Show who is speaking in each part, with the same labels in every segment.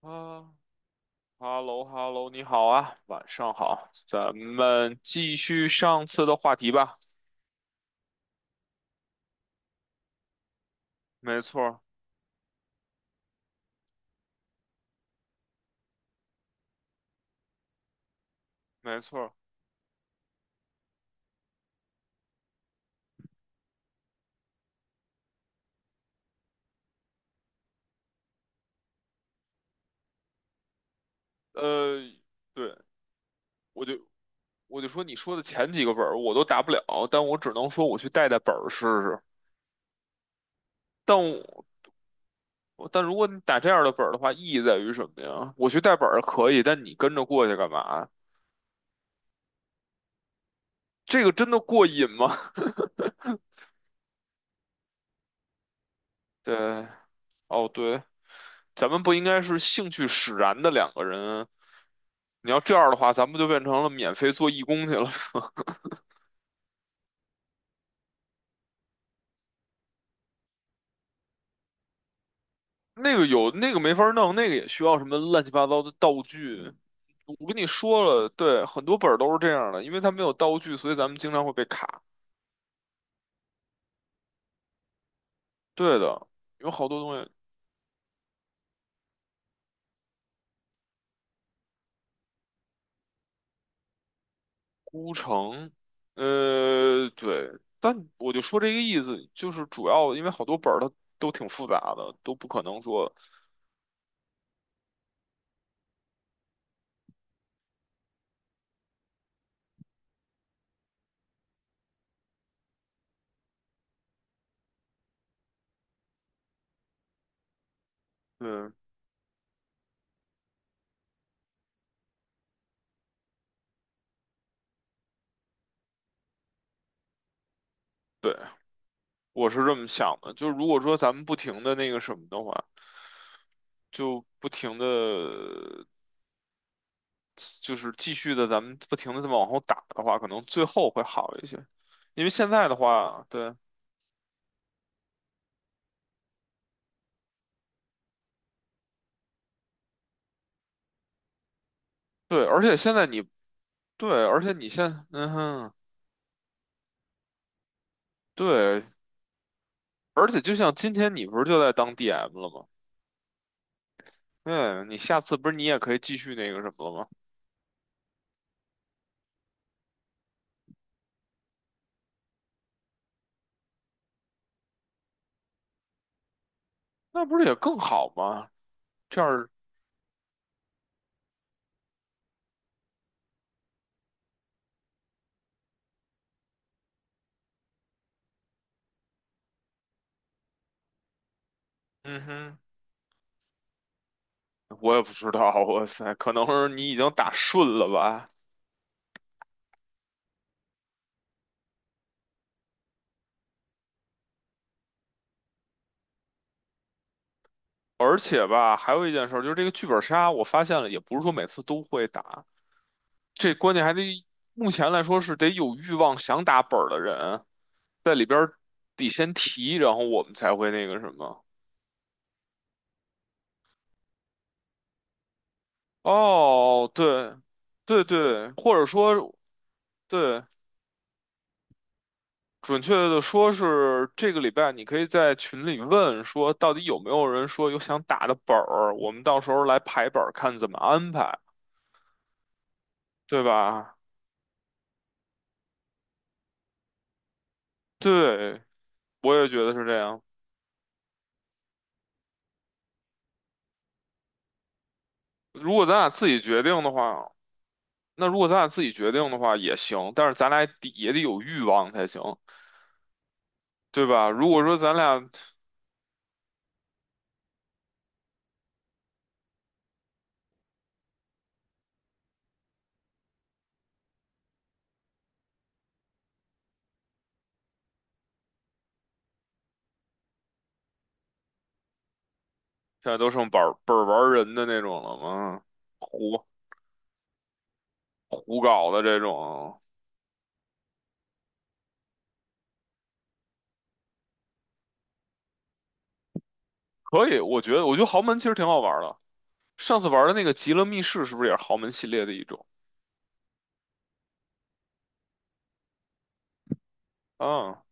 Speaker 1: 啊哈喽哈喽，你好啊，晚上好，咱们继续上次的话题吧。没错儿，没错儿。呃，对，我就我就说你说的前几个本儿我都打不了，但我只能说我去带带本儿试试。但但如果你打这样的本儿的话，意义在于什么呀？我去带本儿可以，但你跟着过去干嘛？这个真的过瘾吗？对，哦对。咱们不应该是兴趣使然的两个人。你要这样的话，咱们就变成了免费做义工去了。那个有，那个没法弄，那个也需要什么乱七八糟的道具。我跟你说了，对，很多本儿都是这样的，因为它没有道具，所以咱们经常会被卡。对的，有好多东西，孤城，呃，对，但我就说这个意思，就是主要因为好多本儿它都挺复杂的，都不可能说，嗯，对。我是这么想的，就如果说咱们不停的那个什么的话，就不停的，就是继续的，咱们不停的再往后打的话，可能最后会好一些。因为现在的话，对对，而且现在你对，而且你现嗯哼，对，而且就像今天你不是就在当 DM 了吗？对，你下次不是你也可以继续那个什么了吗？那不是也更好吗？这样，嗯哼，我也不知道，哇塞，可能是你已经打顺了吧。而且吧，还有一件事儿，就是这个剧本杀，我发现了，也不是说每次都会打，这关键还得目前来说是得有欲望想打本儿的人在里边儿得先提，然后我们才会那个什么。哦，对，对对，或者说对，准确的说是这个礼拜你可以在群里问说，到底有没有人说有想打的本儿，我们到时候来排本儿看怎么安排，对吧？对，我也觉得是这样。如果咱俩自己决定的话，那如果咱俩自己决定的话也行，但是咱俩得也得有欲望才行，对吧？如果说咱俩现在都剩本儿本儿玩人的那种了嘛，胡胡搞的这种，可以，我觉得豪门其实挺好玩的。上次玩的那个《极乐密室》是不是也是豪门系列的一种？啊，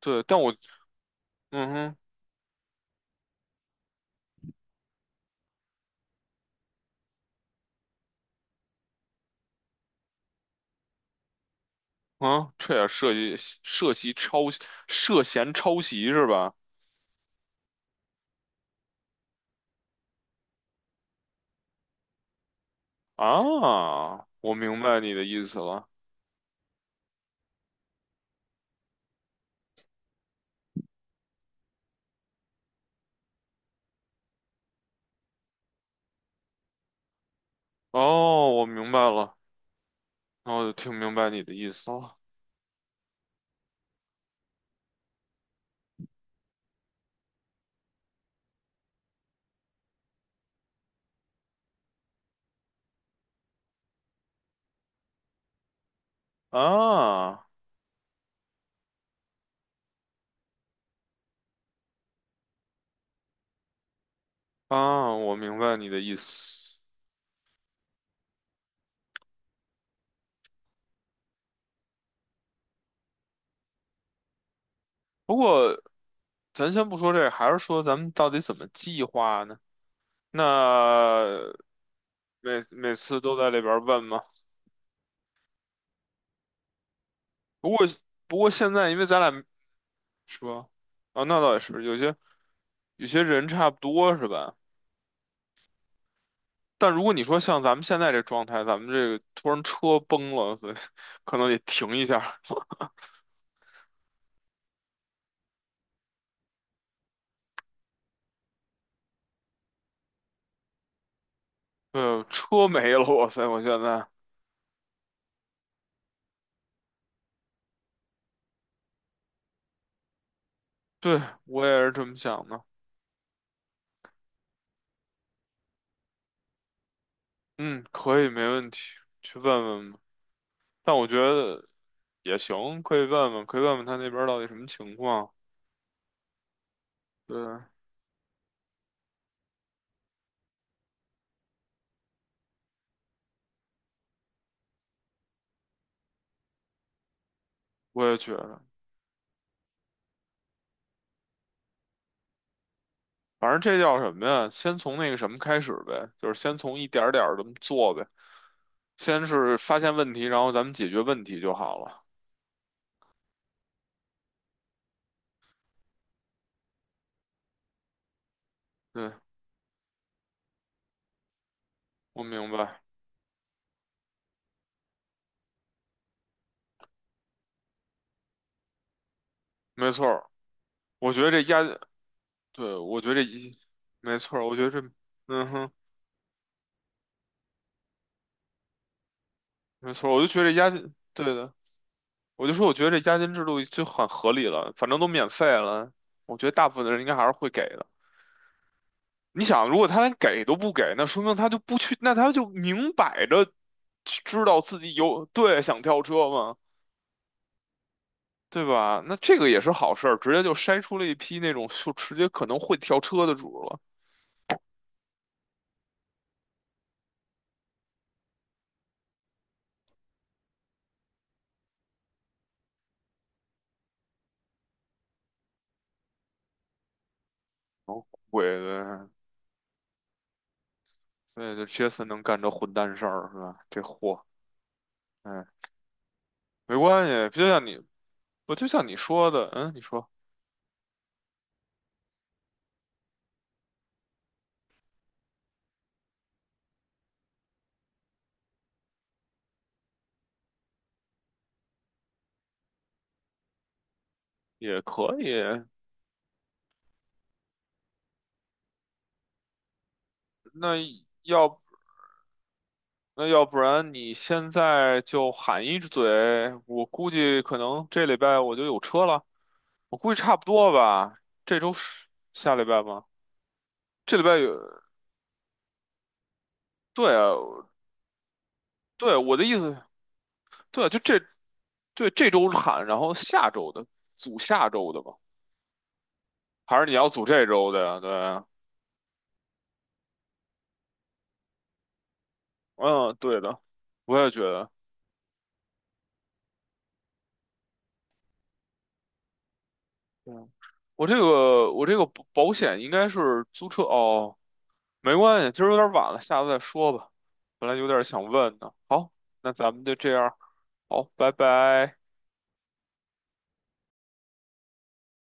Speaker 1: 对，但我嗯哼啊，这也涉嫌抄袭是吧？啊，我明白你的意思了。哦，我明白了，那我就听明白你的意思了。啊啊，我明白你的意思。不过咱先不说这个，还是说咱们到底怎么计划呢？那每每次都在里边问吗？不过不过现在因为咱俩是吧？啊，那倒也是，有些有些人差不多是吧？但如果你说像咱们现在这状态，咱们这个突然车崩了，所以 可能得停一下。呃，车没了，哇塞，我现在。对，我也是这么想的。嗯，可以，没问题，去问问吧。但我觉得也行，可以问问，可以问问他那边儿到底什么情况。对，我也觉得，反正这叫什么呀？先从那个什么开始呗，就是先从一点儿点儿这么做呗。先是发现问题，然后咱们解决问题就好了。对，我明白，没错儿我觉得这压，对，我觉得这一，没错儿我觉得这，嗯哼，没错儿我就觉得这压，对的。我就说，我觉得这押金制度就很合理了，反正都免费了，我觉得大部分的人应该还是会给的。你想，如果他连给都不给，那说明他就不去，那他就明摆着知道自己有，对，想跳车嘛，对吧？那这个也是好事儿，直接就筛出了一批那种就直接可能会跳车的主了。哦，鬼的，所以这杰森能干这混蛋事儿是吧？这货，哎，没关系，就像你，不就像你说的，嗯，你说也可以，那要。那要不然你现在就喊一嘴，我估计可能这礼拜我就有车了，我估计差不多吧。这周是下礼拜吗？这礼拜有，对啊，对，我的意思，对啊，就这，对，这周喊，然后下周的组下周的吧，还是你要组这周的呀？对啊嗯，对的，我也觉得，嗯，我这个保险应该是租车哦。没关系，今儿有点晚了，下次再说吧。本来有点想问呢。好，那咱们就这样，好，拜拜。